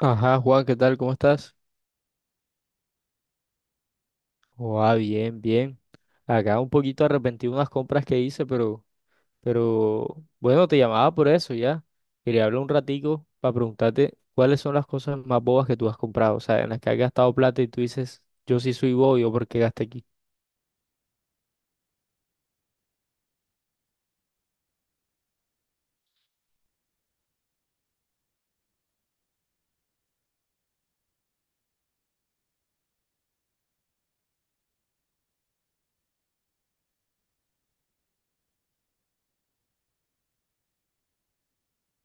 Ajá, Juan, ¿qué tal? ¿Cómo estás? Joa, bien, bien. Acá un poquito arrepentido de unas compras que hice, pero bueno, te llamaba por eso ya. Quería hablar un ratico para preguntarte cuáles son las cosas más bobas que tú has comprado, o sea, en las que has gastado plata y tú dices, yo sí soy bobo, yo por qué gasté aquí.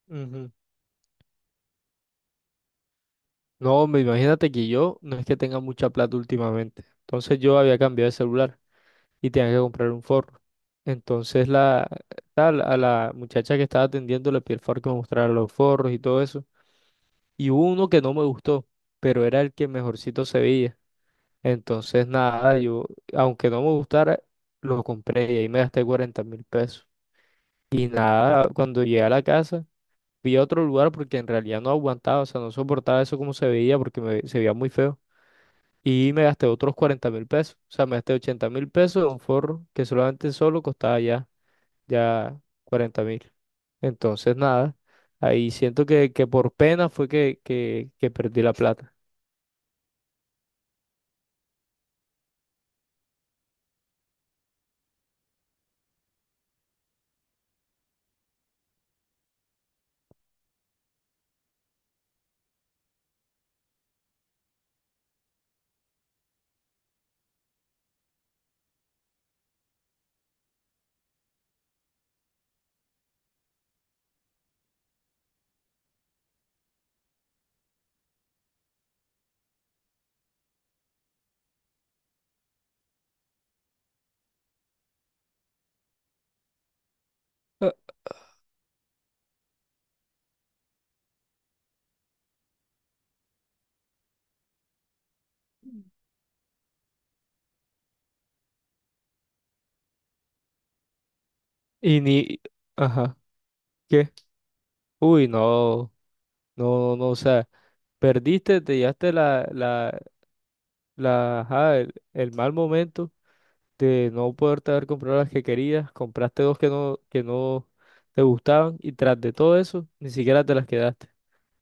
Ujú. No, hombre, imagínate que yo no es que tenga mucha plata últimamente. Entonces yo había cambiado de celular y tenía que comprar un forro. Entonces la, a la muchacha que estaba atendiendo le pedí el favor que me mostrara los forros y todo eso. Y hubo uno que no me gustó, pero era el que mejorcito se veía. Entonces nada, yo, aunque no me gustara, lo compré y ahí me gasté 40.000 pesos. Y nada, cuando llegué a la casa, fui a otro lugar porque en realidad no aguantaba, o sea, no soportaba eso como se veía porque me, se veía muy feo. Y me gasté otros 40.000 pesos, o sea, me gasté 80.000 pesos en un forro que solamente solo costaba ya 40.000. Entonces, nada, ahí siento que por pena fue que perdí la plata. Ah. Y ni, Ajá, ¿qué? Uy, no, no, no, o sea, perdiste, te llevaste ajá, el mal momento de no poderte haber comprado las que querías, compraste dos que no te gustaban y tras de todo eso, ni siquiera te las quedaste.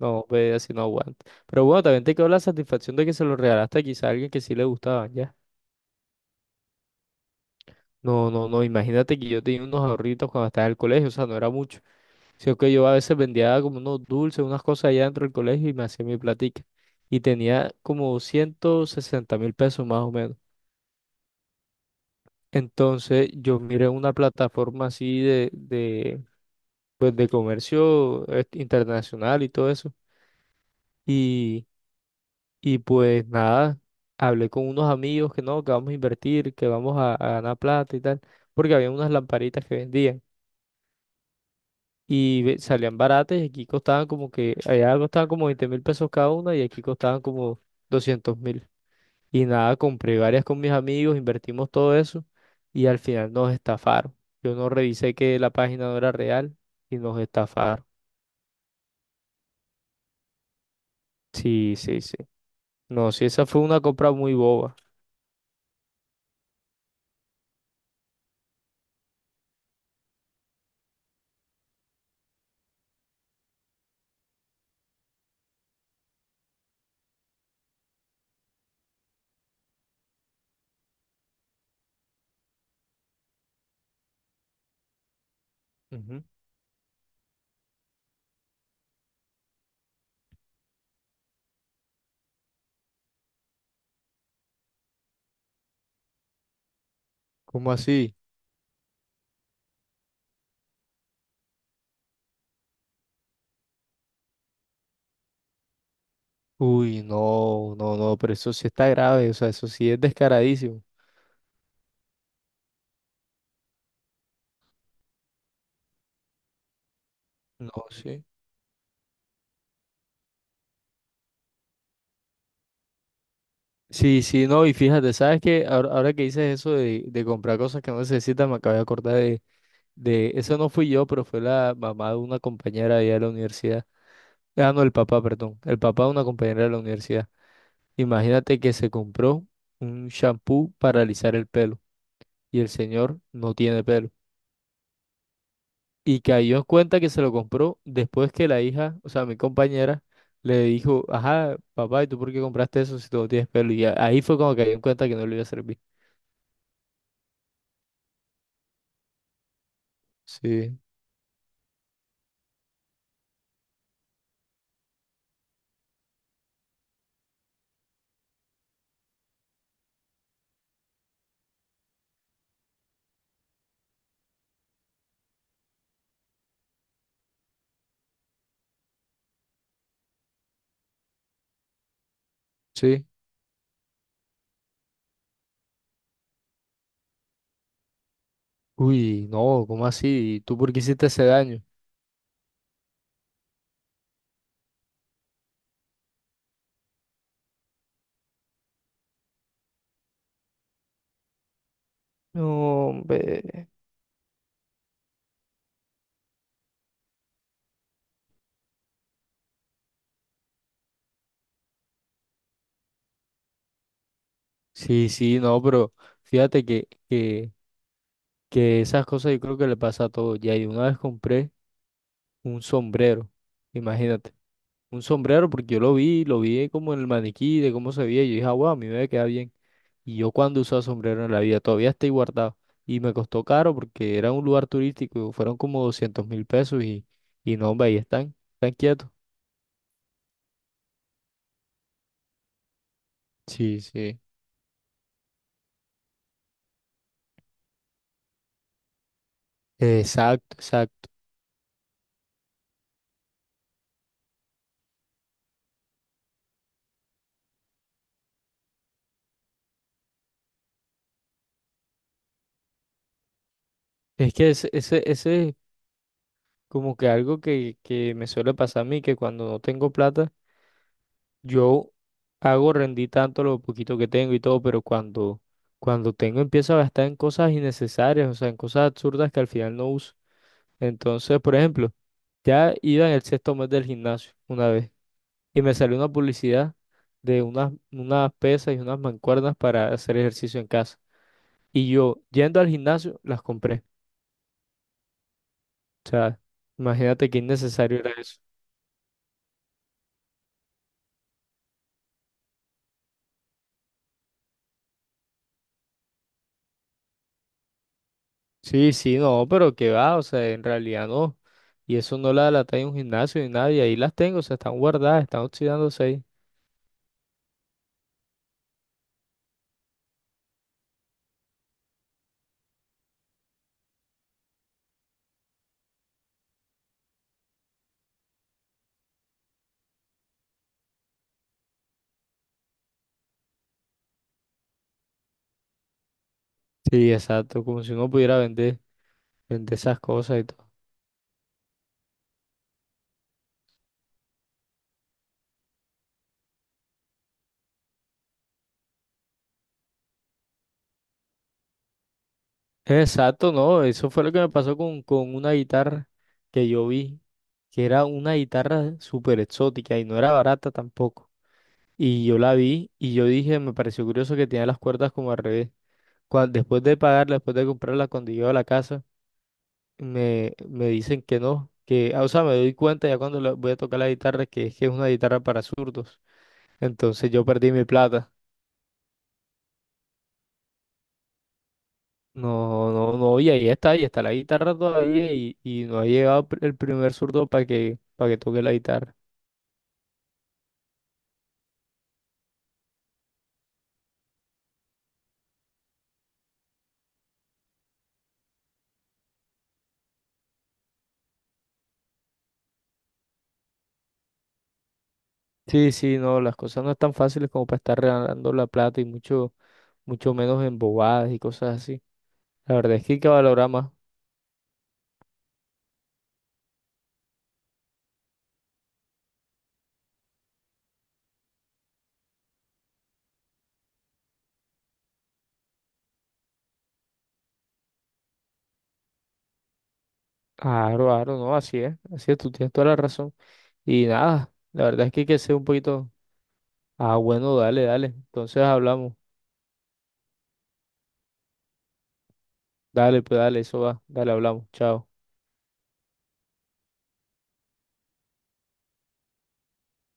No, ve, así no aguanta. Pero bueno, también te quedó la satisfacción de que se lo regalaste quizá a alguien que sí le gustaban, ya. No, no, no, imagínate que yo tenía unos ahorritos cuando estaba en el colegio, o sea, no era mucho, sino que yo a veces vendía como unos dulces, unas cosas allá dentro del colegio y me hacía mi platica. Y tenía como 160.000 pesos más o menos. Entonces yo miré una plataforma así pues, de comercio internacional y todo eso. Y, y pues nada, hablé con unos amigos que no, que vamos a invertir, que vamos a ganar plata y tal, porque había unas lamparitas que vendían. Y ve- salían baratas y aquí costaban como que, allá costaban como 20.000 pesos cada una y aquí costaban como 200.000. Y nada, compré varias con mis amigos, invertimos todo eso y al final nos estafaron. Yo no revisé que la página no era real y nos estafaron. Sí, sí, sí. No, sí, esa fue una compra muy boba. Ujú. ¿Cómo así? Uy, no, no, no, pero eso sí está grave, o sea, eso sí es descaradísimo. No, sí. Sí, sí, no, y fíjate, ¿sabes qué? Ahora, ahora que dices eso de comprar cosas que no necesitas, me acabo de acordar eso no fui yo, pero fue la mamá de una compañera allá de la universidad. Ah, no, el papá, perdón, el papá de una compañera de la universidad. Imagínate que se compró un shampoo para alisar el pelo y el señor no tiene pelo. Y cayó en cuenta que se lo compró después que la hija, o sea, mi compañera, le dijo, ajá, papá, ¿y tú por qué compraste eso si tú no tienes pelo? Y a- ahí fue cuando cayó en cuenta que no le iba a servir. Sí. Sí. Uy, no, ¿cómo así? ¿Y tú por qué hiciste ese daño? No, hombre. Sí, sí, no, pero fíjate que esas cosas yo creo que le pasa a todos. Ya, y una vez compré un sombrero, imagínate, un sombrero porque yo lo vi como en el maniquí de cómo se veía, y yo dije, ah, wow, a mí me va a quedar bien. Y yo cuando usaba sombrero en la vida, todavía estoy guardado. Y me costó caro porque era un lugar turístico, fueron como 200.000 pesos y no, hombre, ahí están, están quietos. Sí, sí. Exacto, exacto. Es que ese es como que algo que me suele pasar a mí, que cuando no tengo plata, yo hago rendir tanto lo poquito que tengo y todo, pero cuando tengo empiezo a gastar en cosas innecesarias, o sea, en cosas absurdas que al final no uso. Entonces, por ejemplo, ya iba en el sexto mes del gimnasio una vez y me salió una publicidad de unas pesas y unas mancuernas para hacer ejercicio en casa. Y yo, yendo al gimnasio, las compré. O sea, imagínate qué innecesario era eso. Sí, sí, no, pero que va, o sea, en realidad no. Y eso no la la en un gimnasio ni nada, y ahí las tengo, o sea, están guardadas, están oxidándose ahí. Sí, exacto, como si uno pudiera vender, vender esas cosas y todo. Exacto, no, eso fue lo que me pasó con una guitarra que yo vi, que era una guitarra súper exótica y no era barata tampoco. Y yo la vi y yo dije, me pareció curioso que tenía las cuerdas como al revés. Cuan- después de pagarla, después de comprarla, cuando llego a la casa, me dicen que no, que, ah, o sea, me doy cuenta ya cuando la- voy a tocar la guitarra que es una guitarra para zurdos. Entonces yo perdí mi plata. No, no, no, y ahí está la guitarra todavía y no ha llegado pr- el primer zurdo para que toque la guitarra. Sí, sí, no, las cosas no están fáciles como para estar regalando la plata y mucho, mucho menos en bobadas y cosas así. La verdad es que hay que valorar más. Claro, claro, no, así es, tú tienes toda la razón. Y nada, la verdad es que hay que ser un poquito. Ah, bueno, dale, dale. Entonces hablamos. Dale, pues dale, eso va. Dale, hablamos. Chao.